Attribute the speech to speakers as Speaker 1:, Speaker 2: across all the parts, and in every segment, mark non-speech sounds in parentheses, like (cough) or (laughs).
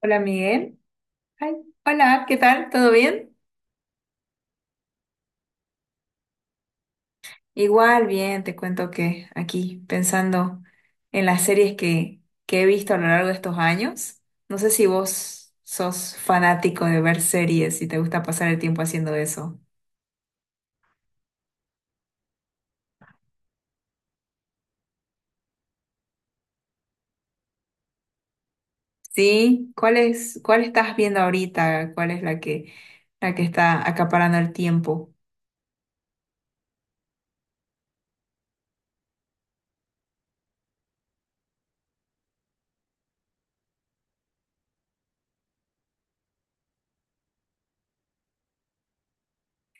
Speaker 1: Hola Miguel. Ay, hola, ¿qué tal? ¿Todo bien? Igual, bien, te cuento que aquí pensando en las series que he visto a lo largo de estos años. No sé si vos sos fanático de ver series y te gusta pasar el tiempo haciendo eso. ¿Sí? ¿Cuál es, cuál estás viendo ahorita? ¿Cuál es la que está acaparando el tiempo?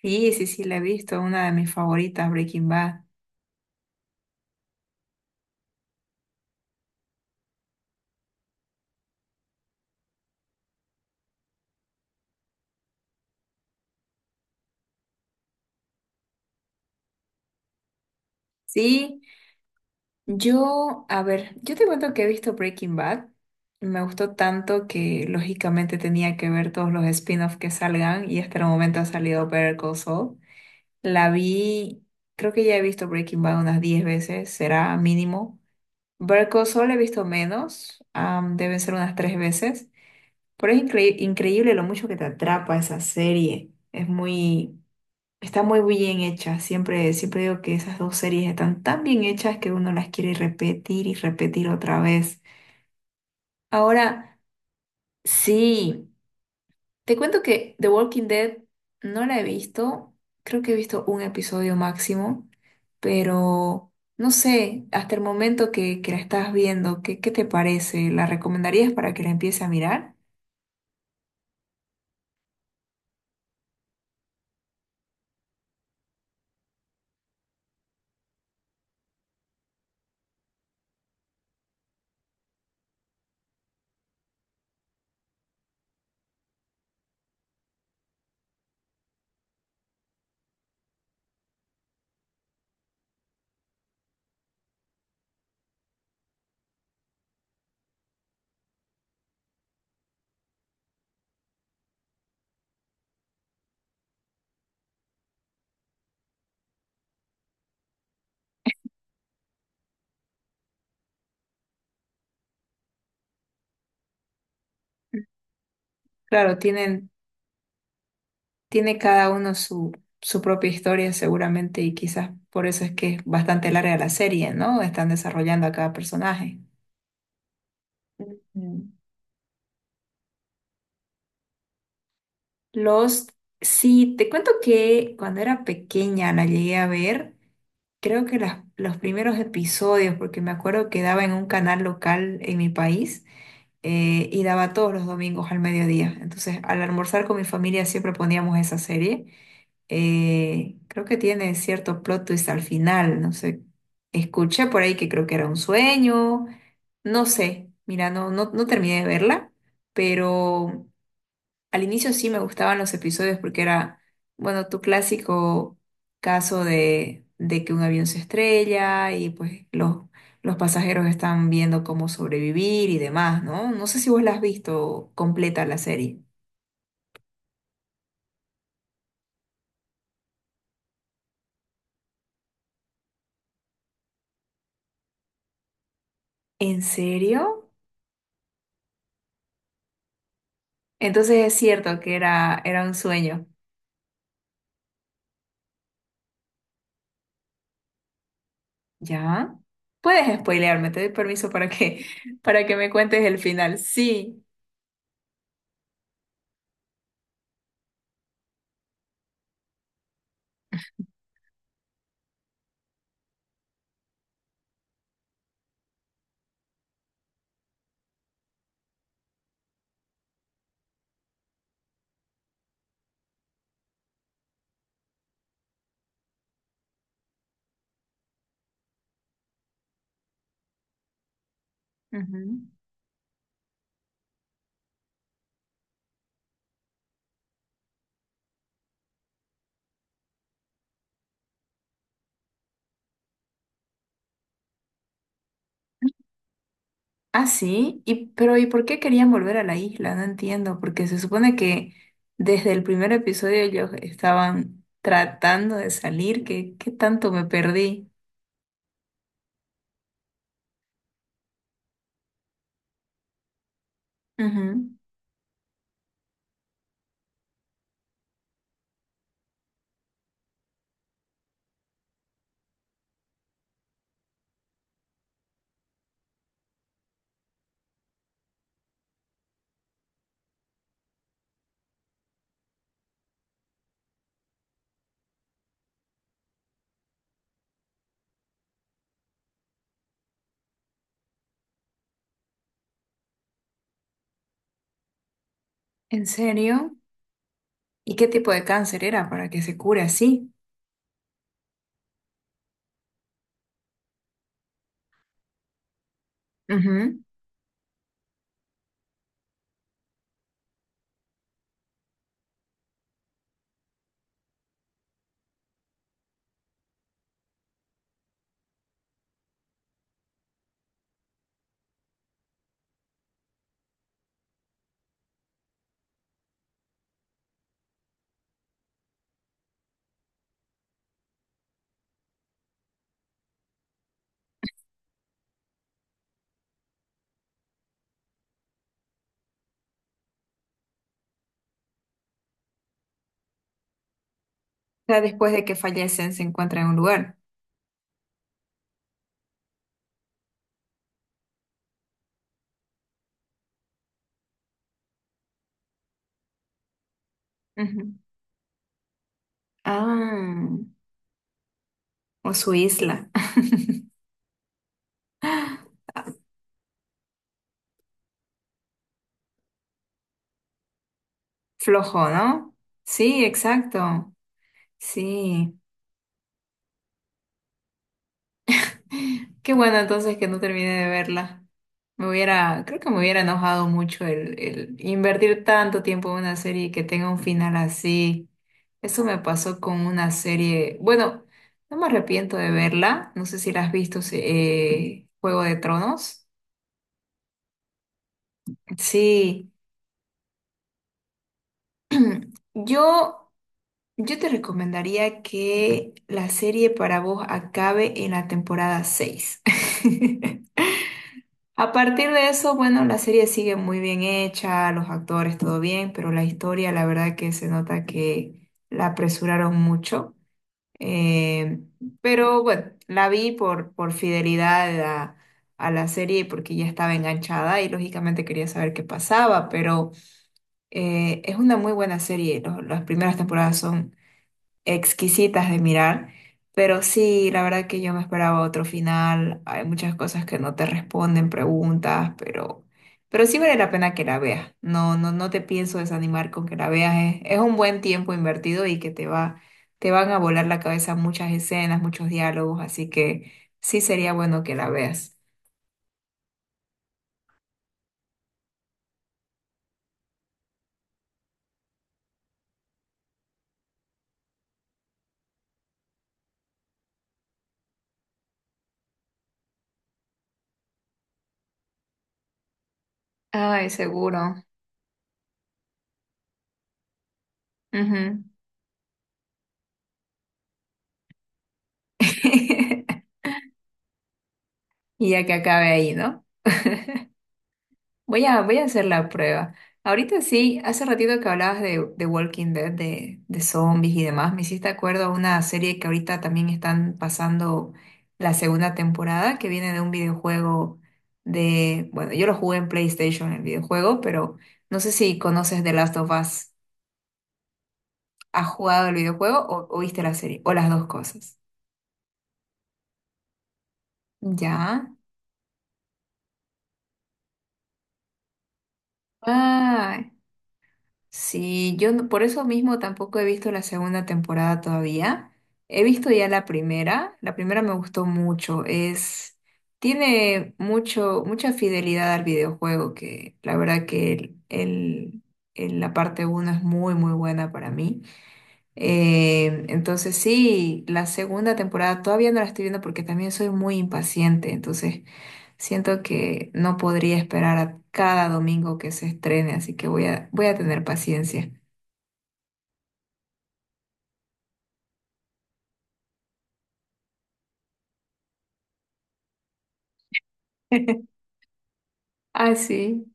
Speaker 1: Sí, sí, sí, la he visto, una de mis favoritas, Breaking Bad. Sí. Yo, a ver, yo te cuento que he visto Breaking Bad. Me gustó tanto que lógicamente tenía que ver todos los spin-offs que salgan y hasta el momento ha salido Better Call Saul. La vi, creo que ya he visto Breaking Bad unas 10 veces, será mínimo. Better Call Saul he visto menos, deben ser unas 3 veces. Pero es increíble lo mucho que te atrapa esa serie. Está muy bien hecha. Siempre digo que esas dos series están tan bien hechas que uno las quiere repetir y repetir otra vez. Ahora, sí, te cuento que The Walking Dead no la he visto. Creo que he visto un episodio máximo, pero no sé, hasta el momento que la estás viendo, ¿qué te parece? ¿La recomendarías para que la empiece a mirar? Claro, tiene cada uno su propia historia seguramente y quizás por eso es que es bastante larga la serie, ¿no? Están desarrollando a cada personaje. Ujú. Los, sí, te cuento que cuando era pequeña la llegué a ver, creo que los primeros episodios, porque me acuerdo que daba en un canal local en mi país, y daba todos los domingos al mediodía. Entonces, al almorzar con mi familia siempre poníamos esa serie. Creo que tiene cierto plot twist al final, no sé. Escuché por ahí que creo que era un sueño, no sé. Mira, no, no, no terminé de verla, pero al inicio sí me gustaban los episodios porque era, bueno, tu clásico caso de que un avión se estrella y pues los pasajeros están viendo cómo sobrevivir y demás, ¿no? No sé si vos la has visto completa la serie. ¿En serio? Entonces es cierto que era un sueño. ¿Ya? Puedes spoilearme, te doy permiso para que, (laughs) para que me cuentes el final. Sí. Ujú. Ah, sí. Y, pero ¿y por qué querían volver a la isla? No entiendo, porque se supone que desde el primer episodio ellos estaban tratando de salir. ¿Qué tanto me perdí? Ujú. ¿En serio? ¿Y qué tipo de cáncer era para que se cure así? Ujú. O sea, después de que fallecen, se encuentran en un lugar. Ujú. Ah, o su isla. Flojo, ¿no? Sí, exacto. Sí. Qué bueno entonces que no terminé de verla. Me hubiera, creo que me hubiera enojado mucho el invertir tanto tiempo en una serie y que tenga un final así. Eso me pasó con una serie. Bueno, no me arrepiento de verla. No sé si la has visto, Juego de Tronos. Sí. (clears throat) Yo Yo te recomendaría que la serie para vos acabe en la temporada 6. (laughs) A partir de eso, bueno, la serie sigue muy bien hecha, los actores todo bien, pero la historia, la verdad que se nota que la apresuraron mucho. Eh, pero bueno, la vi por fidelidad a la serie y porque ya estaba enganchada y lógicamente quería saber qué pasaba, pero es una muy buena serie. Las primeras temporadas son exquisitas de mirar, pero sí, la verdad que yo me esperaba otro final, hay muchas cosas que no te responden, preguntas, pero, sí vale la pena que la veas, no, no, no te pienso desanimar con que la veas, es un buen tiempo invertido y que te van a volar la cabeza muchas escenas, muchos diálogos, así que sí sería bueno que la veas. Ay, seguro. Ujú. (laughs) Y ya que acabe ahí, ¿no? (laughs) Voy a hacer la prueba. Ahorita sí, hace ratito que hablabas de Walking Dead, de zombies y demás, me hiciste acuerdo a una serie que ahorita también están pasando la segunda temporada, que viene de un videojuego de, bueno, yo lo jugué en PlayStation, el videojuego, pero no sé si conoces The Last of Us. ¿Has jugado el videojuego o viste la serie? O las dos cosas. Ya. Ah. Sí, yo no- por eso mismo tampoco he visto la segunda temporada todavía. He visto ya la primera. La primera me gustó mucho. Tiene mucha fidelidad al videojuego, que la verdad que la parte uno es muy, muy buena para mí. Entonces sí, la segunda temporada todavía no la estoy viendo porque también soy muy impaciente, entonces siento que no podría esperar a cada domingo que se estrene, así que voy a tener paciencia. (laughs) Ah, sí.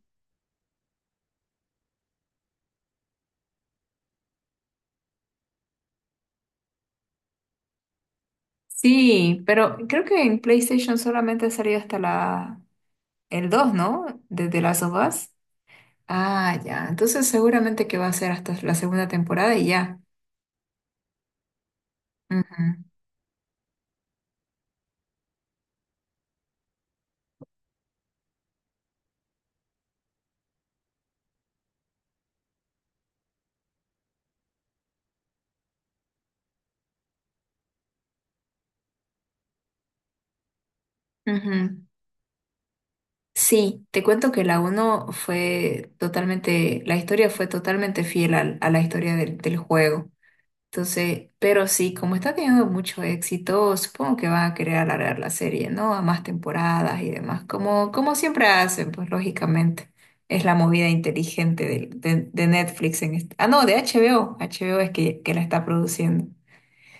Speaker 1: Sí, pero creo que en PlayStation solamente ha salido hasta la el 2, ¿no? De The Last of Us. Ah, ya. Entonces seguramente que va a ser hasta la segunda temporada y ya. Ujú, ujú. Sí, te cuento que la uno fue totalmente, la historia fue totalmente fiel a la historia del juego. Entonces, pero sí, como está teniendo mucho éxito, supongo que van a querer alargar la serie, ¿no? A más temporadas y demás, como siempre hacen, pues lógicamente. Es la movida inteligente de Netflix en este... Ah, no, de HBO. HBO es que la está produciendo.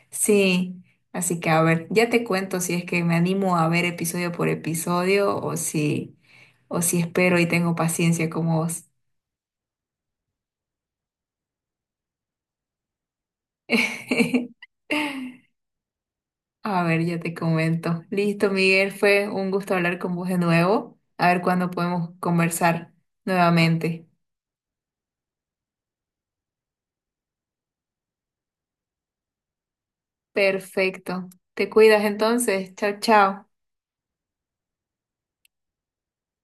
Speaker 1: Sí, así que a ver, ya te cuento si es que me animo a ver episodio por episodio o si espero y tengo paciencia como vos. (laughs) A ver, ya te comento. Listo, Miguel, fue un gusto hablar con vos de nuevo. A ver cuándo podemos conversar nuevamente. Perfecto. Te cuidas entonces. Chao, chao.